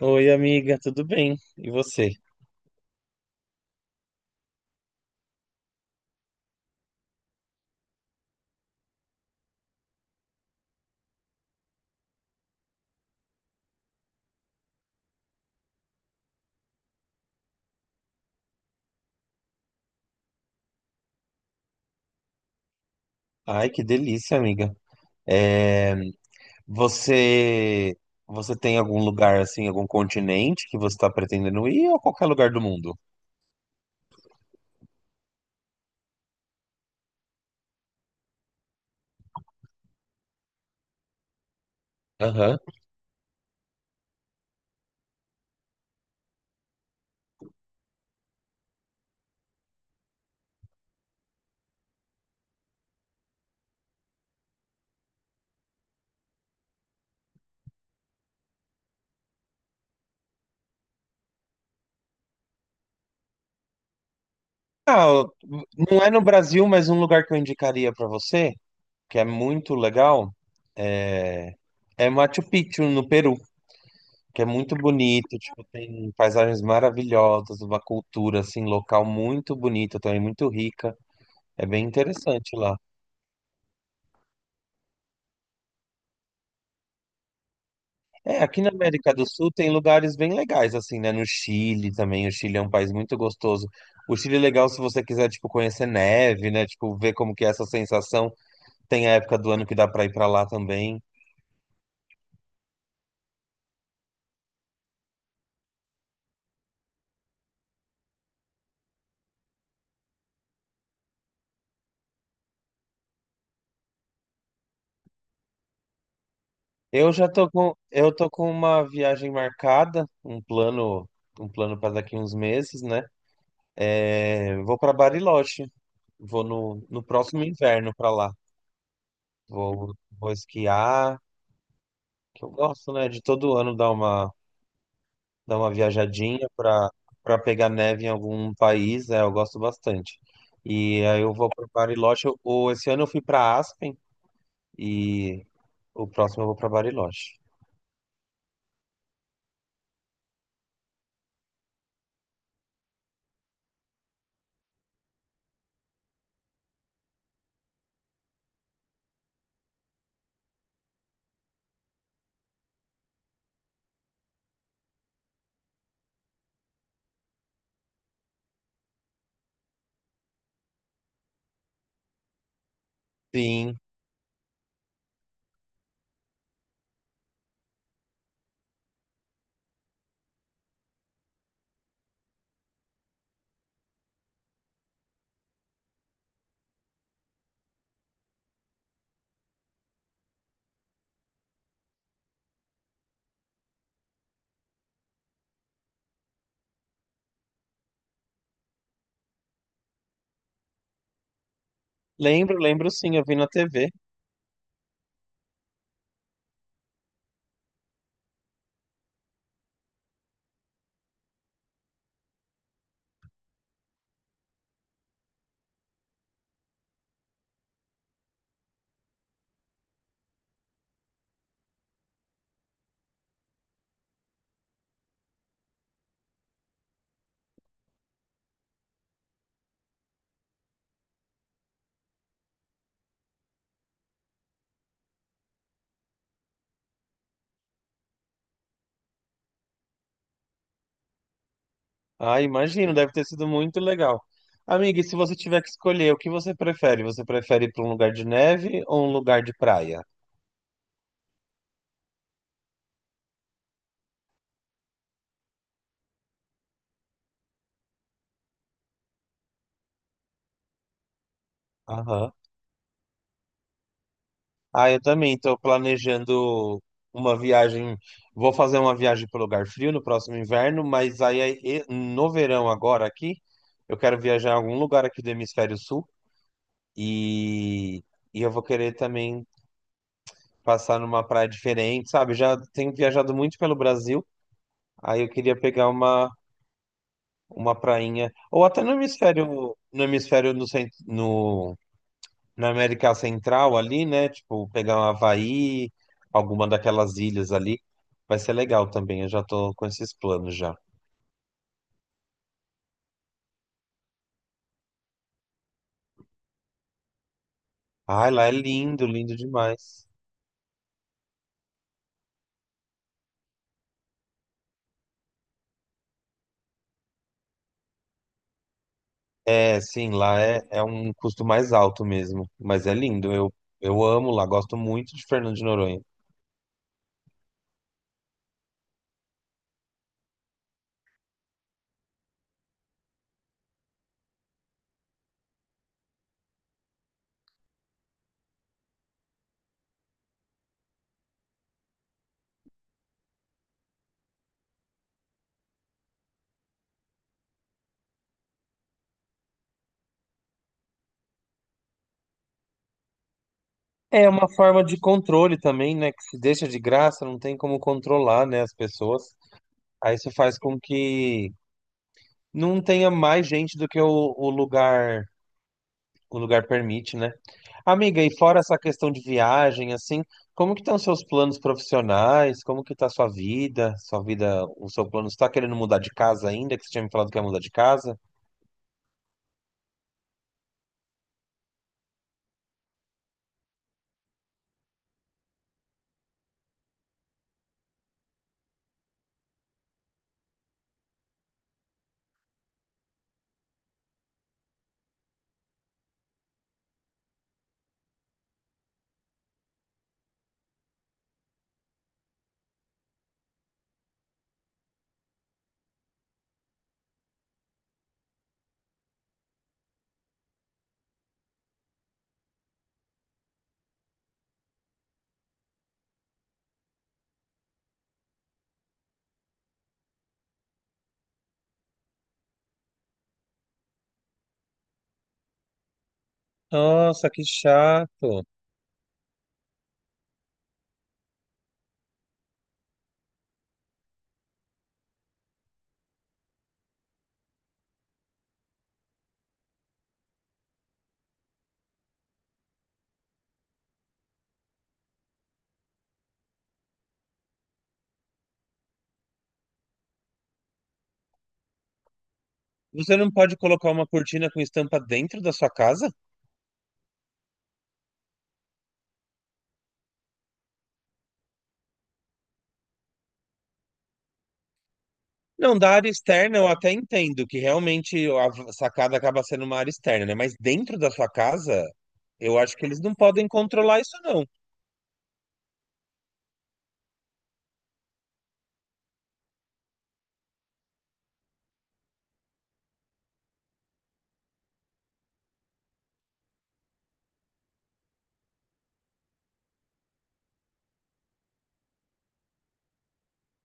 Oi, amiga, tudo bem? E você? Ai, que delícia, amiga. É, você você tem algum lugar assim, algum continente que você está pretendendo ir ou qualquer lugar do mundo? Aham. Ah, eu- não é no Brasil, mas um lugar que eu indicaria para você, que é muito legal, é, é Machu Picchu no Peru, que é muito bonito, tipo, tem paisagens maravilhosas, uma cultura assim local muito bonita, também muito rica. É bem interessante lá. É, aqui na América do Sul tem lugares bem legais, assim, né? No Chile também. O Chile é um país muito gostoso. O Chile é legal se você quiser, tipo, conhecer neve, né? Tipo, ver como que é essa sensação. Tem a época do ano que dá pra ir pra lá também. Eu tô com uma viagem marcada, um plano, para daqui uns meses, né? É, vou para Bariloche. Vou no próximo inverno para lá. Vou esquiar, que eu gosto, né? De todo ano dar uma viajadinha para pegar neve em algum país, é, eu gosto bastante. E aí eu vou para Bariloche. Esse ano eu fui para Aspen e o próximo eu vou para Bariloche. Sim, lembro, lembro sim, eu vi na TV. Ah, imagino, deve ter sido muito legal. Amiga, e se você tiver que escolher, o que você prefere? Você prefere ir para um lugar de neve ou um lugar de praia? Aham. Ah, eu também estou planejando uma viagem. Vou fazer uma viagem para lugar frio no próximo inverno, mas aí, no verão agora aqui, eu quero viajar em algum lugar aqui do hemisfério sul e, e eu vou querer também passar numa praia diferente, sabe? Já tenho viajado muito pelo Brasil, aí eu queria pegar uma prainha ou até no centro, na América Central ali, né? Tipo, pegar um Havaí, alguma daquelas ilhas ali. Vai ser legal também, eu já tô com esses planos já. Ai, lá é lindo, lindo demais. É, sim, lá é, é um custo mais alto mesmo, mas é lindo. Eu amo lá, gosto muito de Fernando de Noronha. É uma forma de controle também, né? Que se deixa de graça, não tem como controlar, né, as pessoas. Aí isso faz com que não tenha mais gente do que o lugar permite, né? Amiga, e fora essa questão de viagem, assim, como que estão seus planos profissionais? Como que tá sua vida? Sua vida, o seu plano, você tá querendo mudar de casa ainda? Que você tinha me falado que ia mudar de casa? Nossa, que chato. Você não pode colocar uma cortina com estampa dentro da sua casa? Não, da área externa eu até entendo que realmente a sacada acaba sendo uma área externa, né? Mas dentro da sua casa, eu acho que eles não podem controlar isso, não.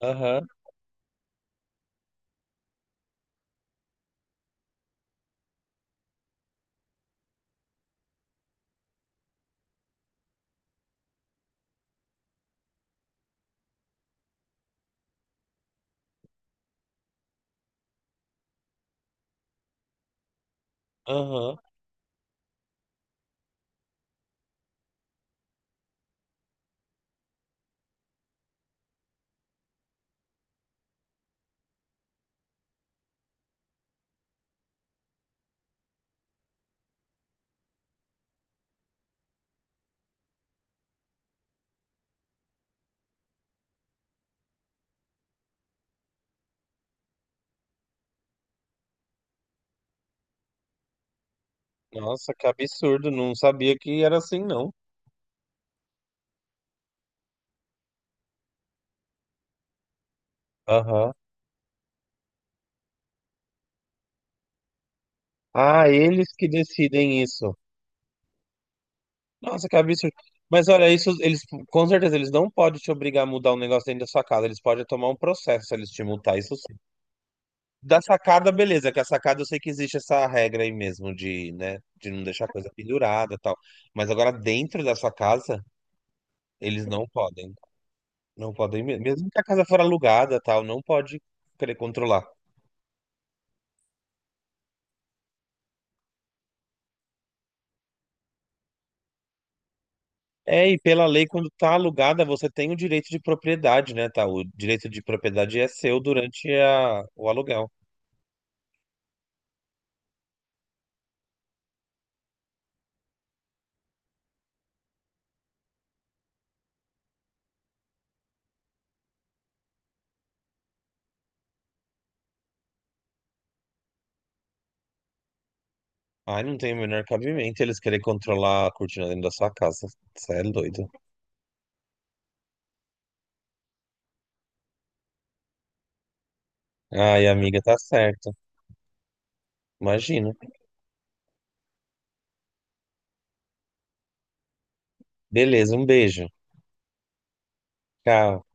Aham, aham. Nossa, que absurdo. Não sabia que era assim, não. Aham. Ah, eles que decidem isso. Nossa, que absurdo. Mas olha, isso eles com certeza eles não podem te obrigar a mudar um negócio dentro da sua casa. Eles podem tomar um processo se eles te multar, isso sim. Da sacada, beleza, que a sacada eu sei que existe essa regra aí mesmo de, né, de não deixar coisa pendurada, e tal. Mas agora dentro da sua casa, eles não podem. Não podem mesmo, mesmo que a casa for alugada, e tal, não pode querer controlar. É, e pela lei, quando tá alugada, você tem o direito de propriedade, né, tá? O direito de propriedade é seu durante a, o aluguel. Ai, não tem o menor cabimento eles querem controlar a cortina dentro da sua casa. Você é doido. Ai, amiga, tá certo. Imagina. Beleza, um beijo. Tchau.